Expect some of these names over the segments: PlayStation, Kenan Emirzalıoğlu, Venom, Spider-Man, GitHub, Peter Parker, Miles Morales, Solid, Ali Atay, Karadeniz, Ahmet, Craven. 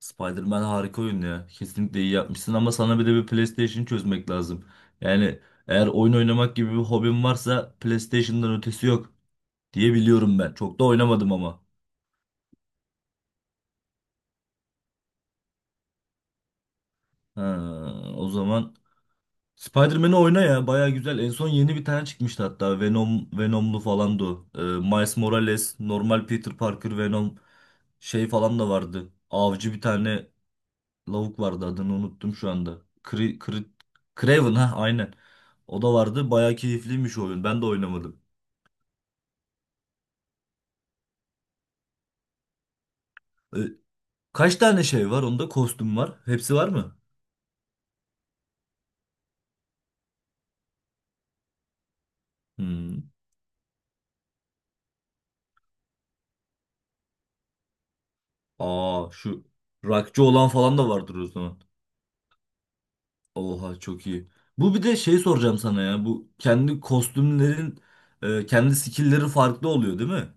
Spider-Man harika oyun ya. Kesinlikle iyi yapmışsın ama sana bir de bir PlayStation çözmek lazım. Yani eğer oyun oynamak gibi bir hobin varsa PlayStation'dan ötesi yok diye biliyorum ben. Çok da oynamadım ama. Ha, o zaman Spider-Man'i oyna ya. Baya güzel. En son yeni bir tane çıkmıştı hatta. Venom, Venom'lu falandı o. Miles Morales, normal Peter Parker, Venom şey falan da vardı. Avcı bir tane lavuk vardı adını unuttum şu anda. Craven ha aynen. O da vardı. Bayağı keyifliymiş o oyun. Ben de oynamadım. E, Kaç tane şey var? Onda kostüm var. Hepsi var mı? Hmm. Aa şu rockçı olan falan da vardır o zaman. Oha çok iyi. Bu bir de şey soracağım sana ya. Bu kendi kostümlerin kendi skill'leri farklı oluyor değil mi?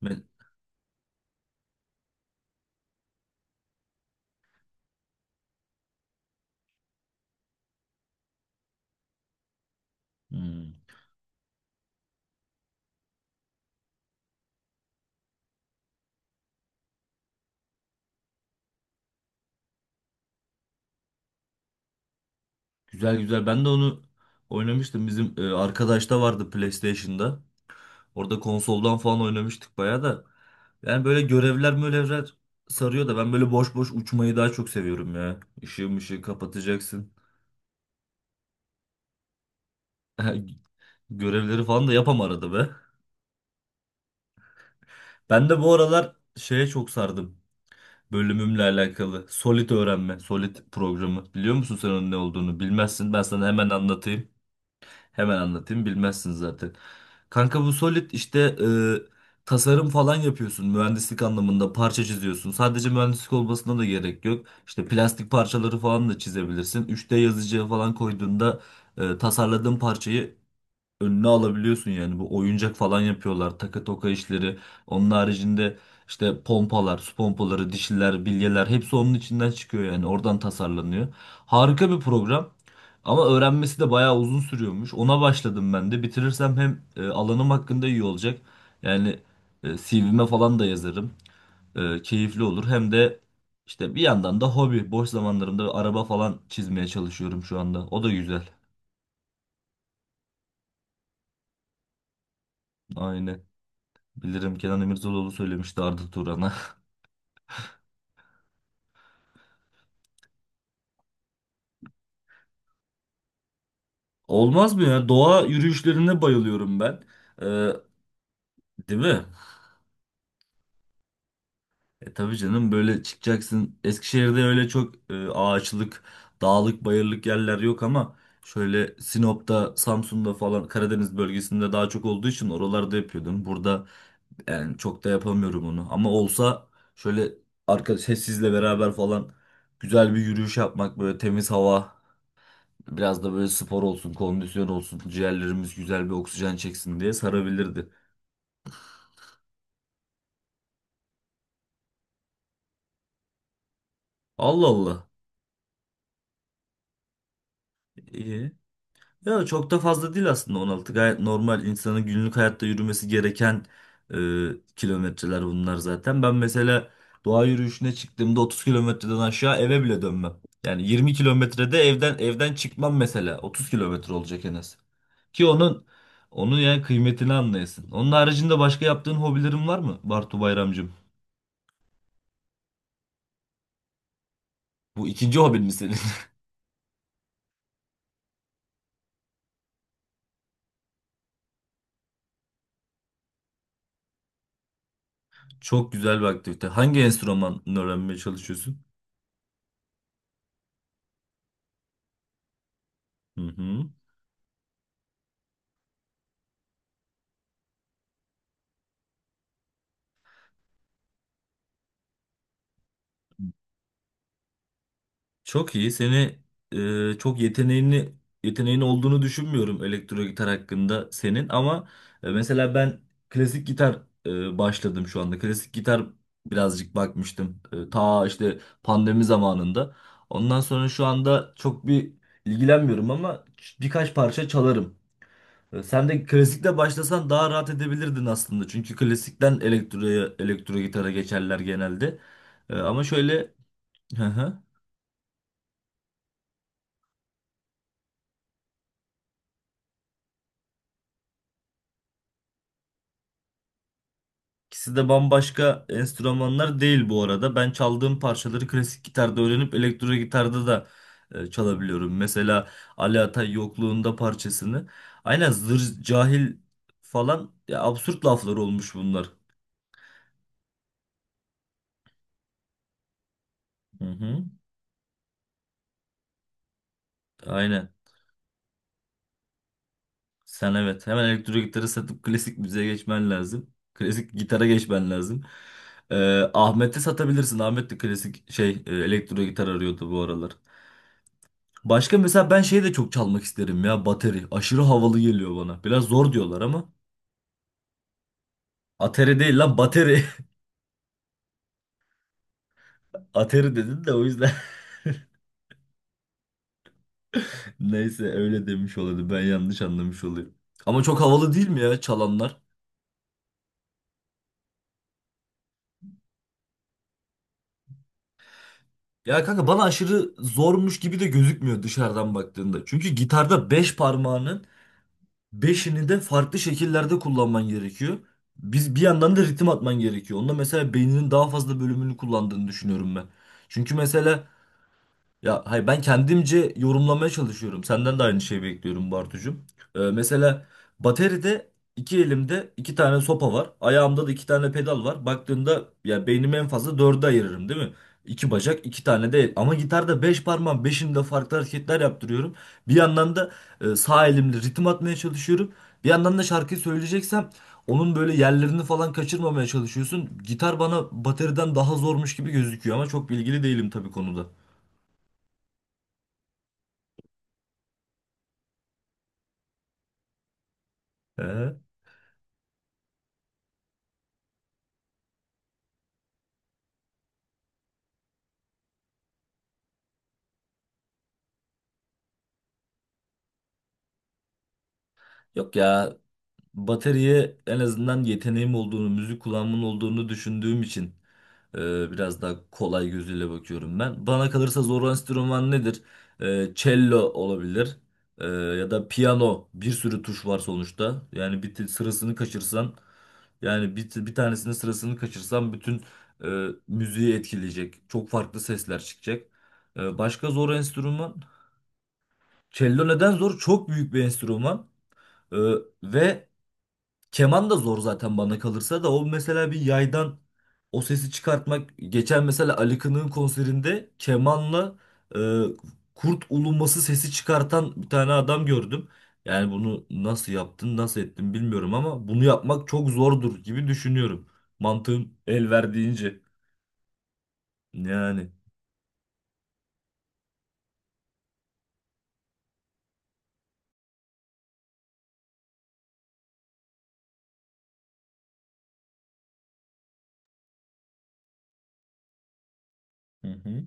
Ben, Hmm. Güzel güzel. Ben de onu oynamıştım. Bizim arkadaş da vardı PlayStation'da. Orada konsoldan falan oynamıştık bayağı da. Yani böyle görevler mölevler sarıyor da ben böyle boş boş uçmayı daha çok seviyorum ya. Işığı mışığı kapatacaksın. Görevleri falan da yapam arada be. Ben de bu aralar şeye çok sardım. Bölümümle alakalı. Solid öğrenme, Solid programı. Biliyor musun sen onun ne olduğunu? Bilmezsin. Ben sana hemen anlatayım. Hemen anlatayım bilmezsin zaten. Kanka bu Solid işte tasarım falan yapıyorsun mühendislik anlamında parça çiziyorsun. Sadece mühendislik olmasına da gerek yok. İşte plastik parçaları falan da çizebilirsin. 3D yazıcıya falan koyduğunda tasarladığın parçayı önüne alabiliyorsun, yani bu oyuncak falan yapıyorlar taka toka işleri. Onun haricinde işte pompalar, su pompaları, dişiler, bilyeler hepsi onun içinden çıkıyor, yani oradan tasarlanıyor. Harika bir program, ama öğrenmesi de bayağı uzun sürüyormuş. Ona başladım ben de, bitirirsem hem alanım hakkında iyi olacak, yani CV'me falan da yazarım. Keyifli olur hem de. İşte bir yandan da hobi, boş zamanlarımda araba falan çizmeye çalışıyorum şu anda, o da güzel. Aynen. Bilirim, Kenan Emirzalıoğlu söylemişti Arda Turan'a. Olmaz mı ya? Doğa yürüyüşlerine bayılıyorum ben. Ee, değil mi? Tabii canım, böyle çıkacaksın. Eskişehir'de öyle çok ağaçlık, dağlık, bayırlık yerler yok ama şöyle Sinop'ta, Samsun'da falan Karadeniz bölgesinde daha çok olduğu için oralarda yapıyordum. Burada yani çok da yapamıyorum onu. Ama olsa şöyle, arkadaş sizle beraber falan güzel bir yürüyüş yapmak, böyle temiz hava. Biraz da böyle spor olsun, kondisyon olsun, ciğerlerimiz güzel bir oksijen çeksin diye sarabilirdi. Allah Allah. İyi. Ya çok da fazla değil aslında 16. Gayet normal insanın günlük hayatta yürümesi gereken kilometreler bunlar zaten. Ben mesela doğa yürüyüşüne çıktığımda 30 kilometreden aşağı eve bile dönmem. Yani 20 kilometrede evden çıkmam mesela. 30 kilometre olacak en az. Ki onun yani kıymetini anlayasın. Onun haricinde başka yaptığın hobilerin var mı Bartu Bayramcığım? Bu ikinci hobin mi senin? Çok güzel bir aktivite. Hangi enstrümanı öğrenmeye çalışıyorsun? Hı hı. Çok iyi. Seni çok yeteneğin olduğunu düşünmüyorum elektro gitar hakkında senin, ama mesela ben klasik gitar başladım şu anda. Klasik gitar birazcık bakmıştım. Ta işte pandemi zamanında. Ondan sonra şu anda çok bir ilgilenmiyorum ama birkaç parça çalarım. Sen de klasikle başlasan daha rahat edebilirdin aslında. Çünkü klasikten elektro gitara geçerler genelde. Ama şöyle, hı hı. ikisi de bambaşka enstrümanlar değil bu arada. Ben çaldığım parçaları klasik gitarda öğrenip elektro gitarda da çalabiliyorum. Mesela Ali Atay yokluğunda parçasını. Aynen, zır cahil falan ya, absürt laflar olmuş bunlar. Hı hı. Aynen. Sen evet, hemen elektro gitarı satıp klasik müziğe geçmen lazım. Klasik gitara geçmen lazım. Ahmet'e satabilirsin. Ahmet de klasik şey elektro gitar arıyordu bu aralar. Başka mesela ben şeyi de çok çalmak isterim ya, bateri. Aşırı havalı geliyor bana. Biraz zor diyorlar ama. Ateri değil lan, bateri. Ateri dedin de o yüzden. Neyse öyle demiş oluyordu. Ben yanlış anlamış oluyorum. Ama çok havalı değil mi ya çalanlar? Ya kanka bana aşırı zormuş gibi de gözükmüyor dışarıdan baktığında. Çünkü gitarda 5 parmağının beşini de farklı şekillerde kullanman gerekiyor. Biz bir yandan da ritim atman gerekiyor. Onda mesela beyninin daha fazla bölümünü kullandığını düşünüyorum ben. Çünkü mesela, ya hayır, ben kendimce yorumlamaya çalışıyorum. Senden de aynı şeyi bekliyorum Bartucuğum. Mesela bateride iki elimde iki tane sopa var. Ayağımda da iki tane pedal var. Baktığında ya beynimi en fazla dörde ayırırım değil mi? İki bacak, iki tane de el. Ama gitarda beş parmağım beşinde farklı hareketler yaptırıyorum. Bir yandan da sağ elimle ritim atmaya çalışıyorum. Bir yandan da şarkıyı söyleyeceksem onun böyle yerlerini falan kaçırmamaya çalışıyorsun. Gitar bana bateriden daha zormuş gibi gözüküyor, ama çok bilgili değilim tabii konuda. Ee? Yok ya, bataryaya en azından yeteneğim olduğunu, müzik kulağımın olduğunu düşündüğüm için biraz daha kolay gözüyle bakıyorum ben. Bana kalırsa zor enstrüman nedir? Cello olabilir. Ya da piyano. Bir sürü tuş var sonuçta. Yani bir sırasını kaçırsan, yani bir tanesinin sırasını kaçırsan bütün müziği etkileyecek. Çok farklı sesler çıkacak. Başka zor enstrüman? Cello neden zor? Çok büyük bir enstrüman. E, Ve keman da zor zaten bana kalırsa, da o mesela bir yaydan o sesi çıkartmak. Geçen mesela Ali Kınık'ın konserinde kemanla e, kurt uluması sesi çıkartan bir tane adam gördüm. Yani bunu nasıl yaptın, nasıl ettin bilmiyorum, ama bunu yapmak çok zordur gibi düşünüyorum. Mantığım el verdiğince. Yani. Hı hı.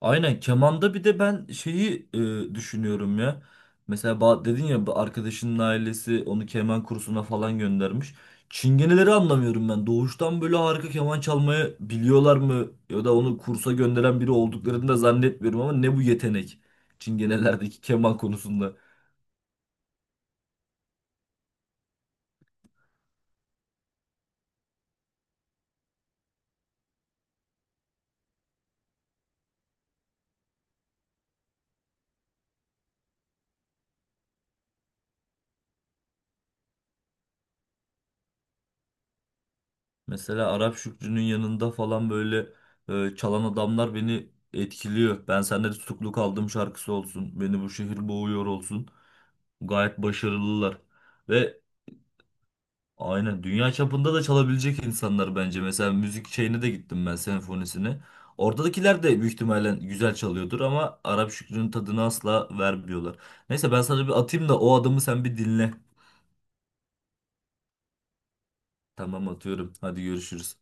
Aynen, kemanda bir de ben şeyi düşünüyorum ya. Mesela dedin ya, bu arkadaşının ailesi onu keman kursuna falan göndermiş. Çingeneleri anlamıyorum ben. Doğuştan böyle harika keman çalmayı biliyorlar mı? Ya da onu kursa gönderen biri olduklarını da zannetmiyorum, ama ne bu yetenek? Çingenelerdeki keman konusunda. Mesela Arap Şükrü'nün yanında falan böyle çalan adamlar beni etkiliyor. Ben Senden Tutuklu Kaldım şarkısı olsun, Beni Bu Şehir Boğuyor olsun. Gayet başarılılar. Ve aynen dünya çapında da çalabilecek insanlar bence. Mesela müzik şeyine de gittim ben, senfonisine. Oradakiler de büyük ihtimalle güzel çalıyordur ama Arap Şükrü'nün tadını asla vermiyorlar. Neyse ben sana bir atayım da o adamı sen bir dinle. Tamam atıyorum. Hadi görüşürüz.